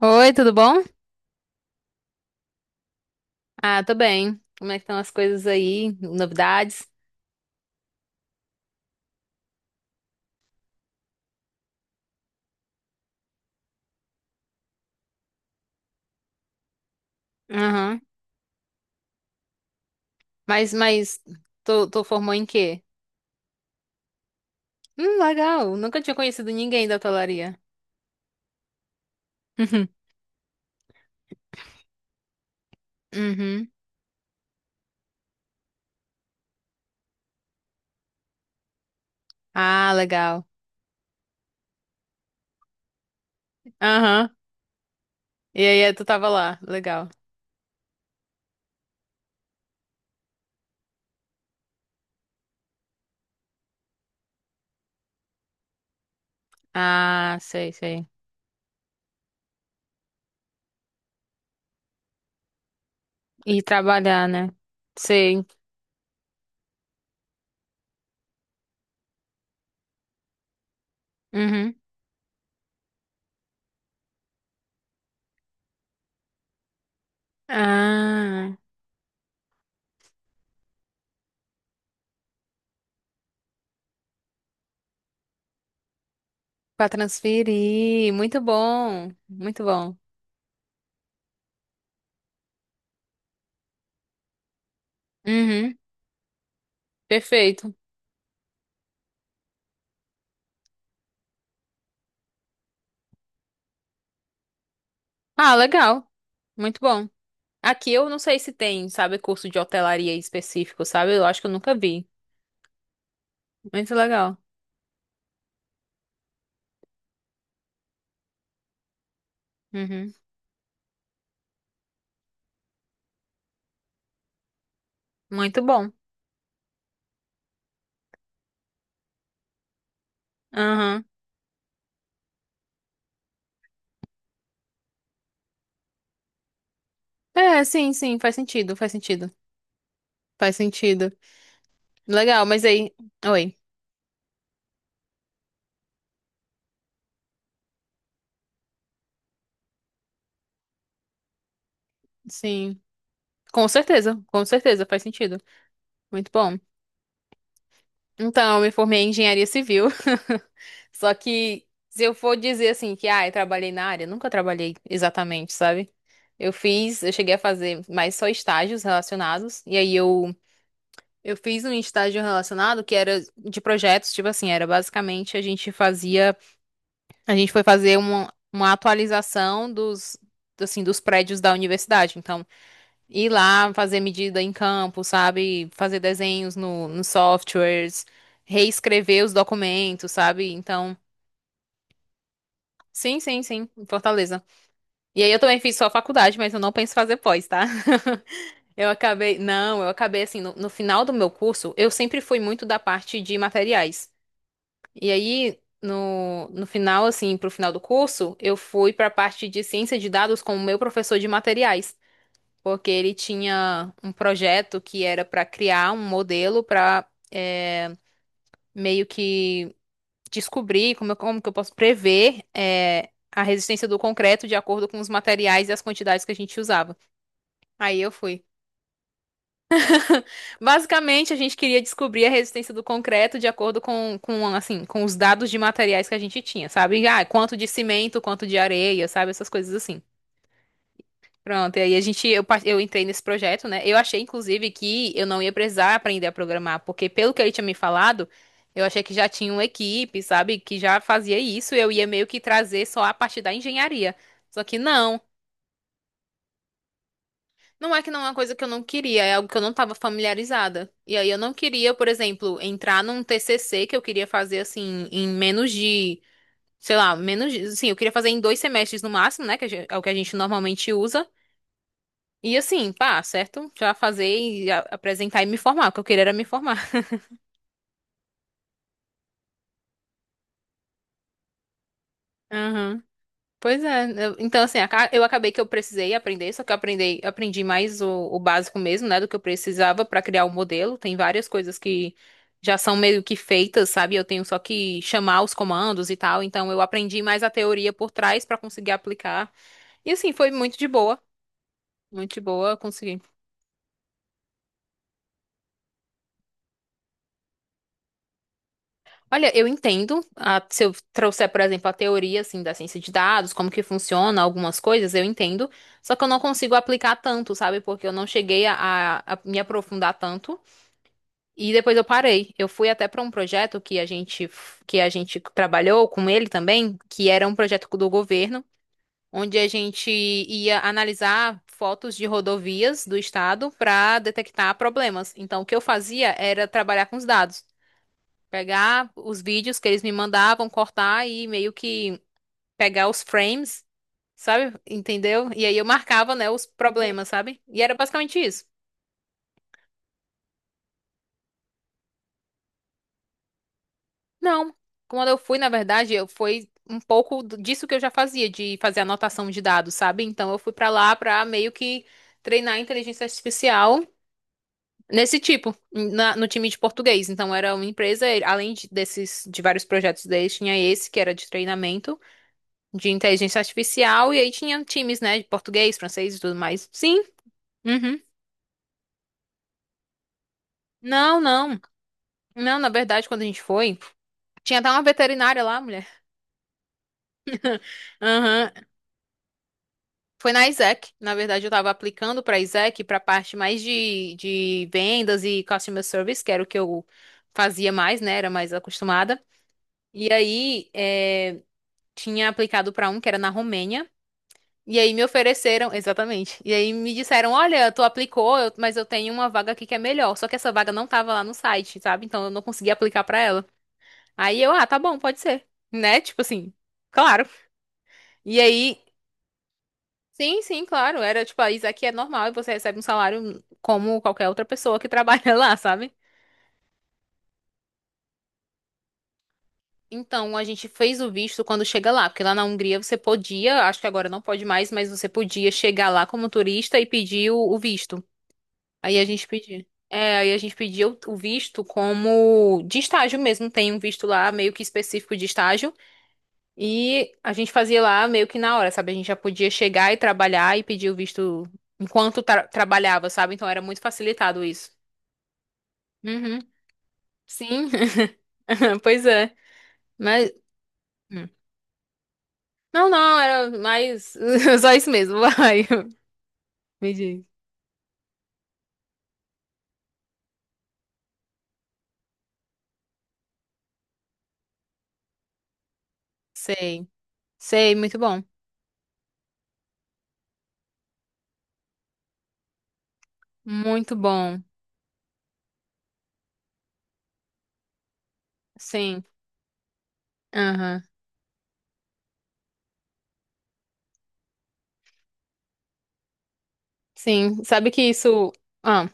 Oi, tudo bom? Ah, tô bem. Como é que estão as coisas aí? Novidades? Aham. Mas, mas, tu formou em quê? Legal. Nunca tinha conhecido ninguém da hotelaria. Uhum. Uhum. Ah, legal. Aham. E aí, tu tava lá. Legal. Ah, sei, sei. E trabalhar, né? Sei. Uhum. Ah, Pra transferir. Muito bom. Muito bom. Uhum. Perfeito. Ah, legal. Muito bom. Aqui eu não sei se tem, sabe, curso de hotelaria específico, sabe? Eu acho que eu nunca vi. Muito legal. Uhum. Muito bom. Aham. É, sim, sim, faz sentido, faz sentido. Faz sentido. Legal, mas aí. Oi. Sim. Com certeza, faz sentido. Muito bom. Então, eu me formei em engenharia civil. Só que se eu for dizer assim que, ah, eu trabalhei na área, nunca trabalhei exatamente, sabe? Eu fiz, eu cheguei a fazer mais só estágios relacionados, e aí eu fiz um estágio relacionado que era de projetos, tipo assim, era basicamente a gente fazia, a gente foi fazer uma atualização dos, assim, dos prédios da universidade. Então, ir lá fazer medida em campo, sabe? Fazer desenhos no, nos softwares, reescrever os documentos, sabe? Então, sim, sim, sim, em Fortaleza. E aí eu também fiz só faculdade, mas eu não penso fazer pós, tá? Eu acabei, não, eu acabei assim, no final do meu curso, eu sempre fui muito da parte de materiais. E aí, no final, assim, pro final do curso, eu fui pra parte de ciência de dados com o meu professor de materiais, porque ele tinha um projeto que era pra criar um modelo pra é, meio que descobrir como, como que eu posso prever a resistência do concreto de acordo com os materiais e as quantidades que a gente usava. Aí eu fui. Basicamente, a gente queria descobrir a resistência do concreto de acordo assim, com os dados de materiais que a gente tinha, sabe? Ah, quanto de cimento, quanto de areia, sabe? Essas coisas assim. Pronto, e aí a gente, eu, eu entrei nesse projeto, né? Eu achei, inclusive, que eu não ia precisar aprender a programar, porque pelo que ele tinha me falado, eu achei que já tinha uma equipe, sabe? Que já fazia isso, e eu ia meio que trazer só a parte da engenharia. Só que não. Não é que não é uma coisa que eu não queria, é algo que eu não estava familiarizada. E aí eu não queria, por exemplo, entrar num TCC que eu queria fazer assim em menos de, sei lá, menos de, assim, eu queria fazer em dois semestres no máximo, né, que a é o que a gente normalmente usa. E assim, pá, certo? Já fazer e apresentar e me formar, o que eu queria era me formar. Pois é, então assim, eu acabei que eu precisei aprender, só que eu aprendi, aprendi mais o básico mesmo, né, do que eu precisava para criar o modelo. Tem várias coisas que já são meio que feitas, sabe? Eu tenho só que chamar os comandos e tal. Então eu aprendi mais a teoria por trás para conseguir aplicar. E assim, foi muito de boa, consegui olha, eu entendo, ah, se eu trouxer, por exemplo, a teoria assim da ciência de dados, como que funciona algumas coisas, eu entendo, só que eu não consigo aplicar tanto, sabe? Porque eu não cheguei a me aprofundar tanto e depois eu parei. Eu fui até para um projeto que a gente que a gente trabalhou com ele também, que era um projeto do governo, onde a gente ia analisar fotos de rodovias do estado para detectar problemas. Então, o que eu fazia era trabalhar com os dados. Pegar os vídeos que eles me mandavam, cortar e meio que pegar os frames, sabe? Entendeu? E aí eu marcava, né, os problemas, sabe? E era basicamente isso. Não. Quando eu fui, na verdade, eu fui um pouco disso que eu já fazia, de fazer anotação de dados, sabe? Então eu fui pra lá pra meio que treinar a inteligência artificial nesse tipo, no time de português. Então era uma empresa, além desses de vários projetos deles, tinha esse que era de treinamento de inteligência artificial, e aí tinha times, né, de português, francês e tudo mais. Sim, uhum. Não, não. Não, na verdade, quando a gente foi, tinha até uma veterinária lá, mulher. Aham. Foi na Isaac. Na verdade, eu tava aplicando pra Isaac pra parte mais de vendas e customer service, que era o que eu fazia mais, né? Era mais acostumada. E aí, tinha aplicado pra um que era na Romênia. E aí me ofereceram, exatamente. E aí me disseram, olha, tu aplicou, mas eu tenho uma vaga aqui que é melhor. Só que essa vaga não tava lá no site, sabe? Então eu não consegui aplicar pra ela. Aí eu, ah, tá bom, pode ser, né? Tipo assim, claro. E aí, sim, sim, claro. Era tipo, ah, isso aqui é normal e você recebe um salário como qualquer outra pessoa que trabalha lá, sabe? Então a gente fez o visto quando chega lá, porque lá na Hungria você podia, acho que agora não pode mais, mas você podia chegar lá como turista e pedir o visto. Aí a gente pediu. É, aí a gente pediu o visto como de estágio mesmo. Tem um visto lá meio que específico de estágio. E a gente fazia lá meio que na hora, sabe? A gente já podia chegar e trabalhar e pedir o visto enquanto trabalhava, sabe? Então era muito facilitado isso. Uhum, sim, pois é. Mas. Hum. Não, não, era mais. Só isso mesmo, vai. Me diz. Sei. Sei, muito bom. Muito bom. Sim. Aham. Sim. Sabe que isso. Ah.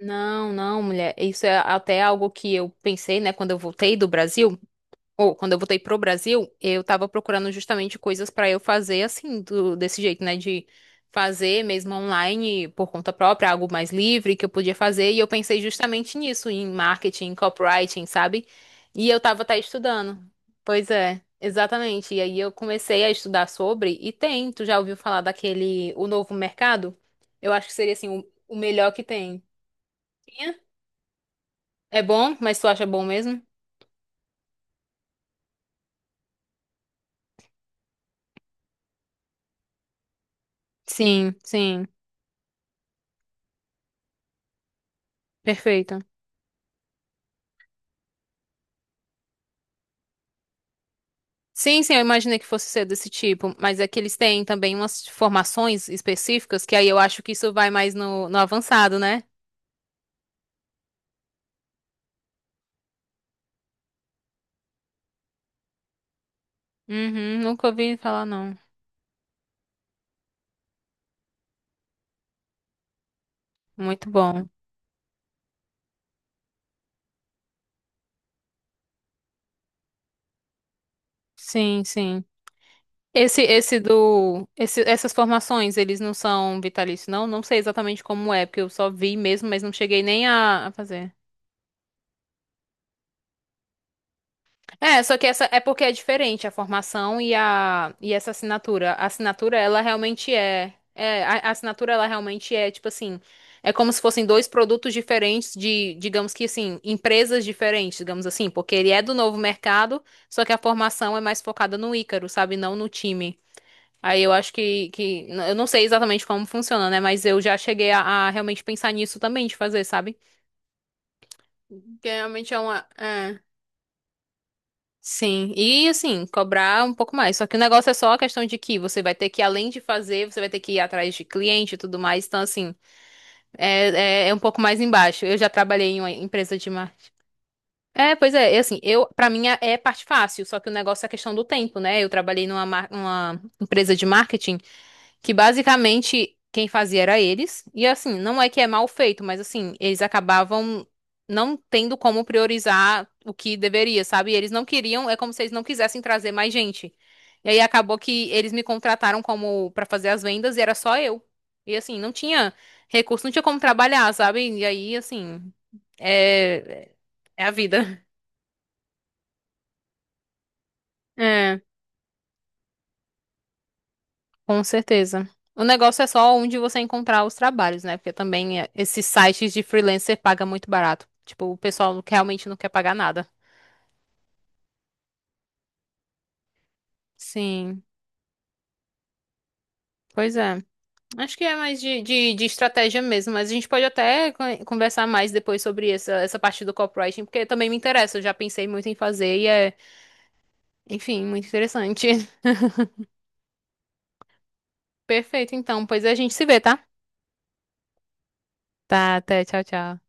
Não, não, mulher. Isso é até algo que eu pensei, né, quando eu voltei do Brasil, ou quando eu voltei pro Brasil, eu tava procurando justamente coisas pra eu fazer assim, desse jeito, né, de fazer mesmo online por conta própria, algo mais livre que eu podia fazer, e eu pensei justamente nisso, em marketing, em copywriting, sabe? E eu tava até estudando. Pois é, exatamente. E aí eu comecei a estudar sobre, e tem, tu já ouviu falar daquele, o novo mercado? Eu acho que seria assim, o melhor que tem. É bom? Mas tu acha bom mesmo? Sim, sim. Perfeito. Sim, sim, eu imaginei que fosse ser desse tipo, mas é que eles têm também umas formações específicas, que aí eu acho que isso vai mais no avançado, né? Uhum, nunca ouvi falar, não. Muito bom. Sim, sim. Essas formações, eles não são vitalícios, não? Não sei exatamente como é, porque eu só vi mesmo, mas não cheguei nem a fazer. É, só que essa é porque é diferente a formação e a e essa assinatura. A assinatura ela realmente é a assinatura ela realmente é tipo assim, é como se fossem dois produtos diferentes de, digamos que assim, empresas diferentes, digamos assim, porque ele é do novo mercado, só que a formação é mais focada no Ícaro, sabe, não no time. Aí eu acho que eu não sei exatamente como funciona, né, mas eu já cheguei a realmente pensar nisso também de fazer, sabe? Que realmente é uma é. Sim, e assim, cobrar um pouco mais. Só que o negócio é só a questão de que você vai ter que, além de fazer, você vai ter que ir atrás de cliente e tudo mais. Então, assim, é um pouco mais embaixo. Eu já trabalhei em uma empresa de marketing. É, pois é, e assim, eu, pra mim é parte fácil, só que o negócio é a questão do tempo, né? Eu trabalhei numa uma empresa de marketing. Que basicamente quem fazia era eles. E assim, não é que é mal feito, mas assim, eles acabavam não tendo como priorizar o que deveria, sabe? E eles não queriam, é como se eles não quisessem trazer mais gente. E aí acabou que eles me contrataram como pra fazer as vendas e era só eu. E assim, não tinha recurso, não tinha como trabalhar, sabe? E aí, assim, é, é a vida. É. Com certeza. O negócio é só onde você encontrar os trabalhos, né? Porque também é, esses sites de freelancer pagam muito barato. Tipo, o pessoal realmente não quer pagar nada. Sim, pois é. Acho que é mais de estratégia mesmo, mas a gente pode até conversar mais depois sobre essa parte do copywriting, porque também me interessa. Eu já pensei muito em fazer e é, enfim, muito interessante. Perfeito, então. Pois a gente se vê, tá? Tá, até. Tchau, tchau.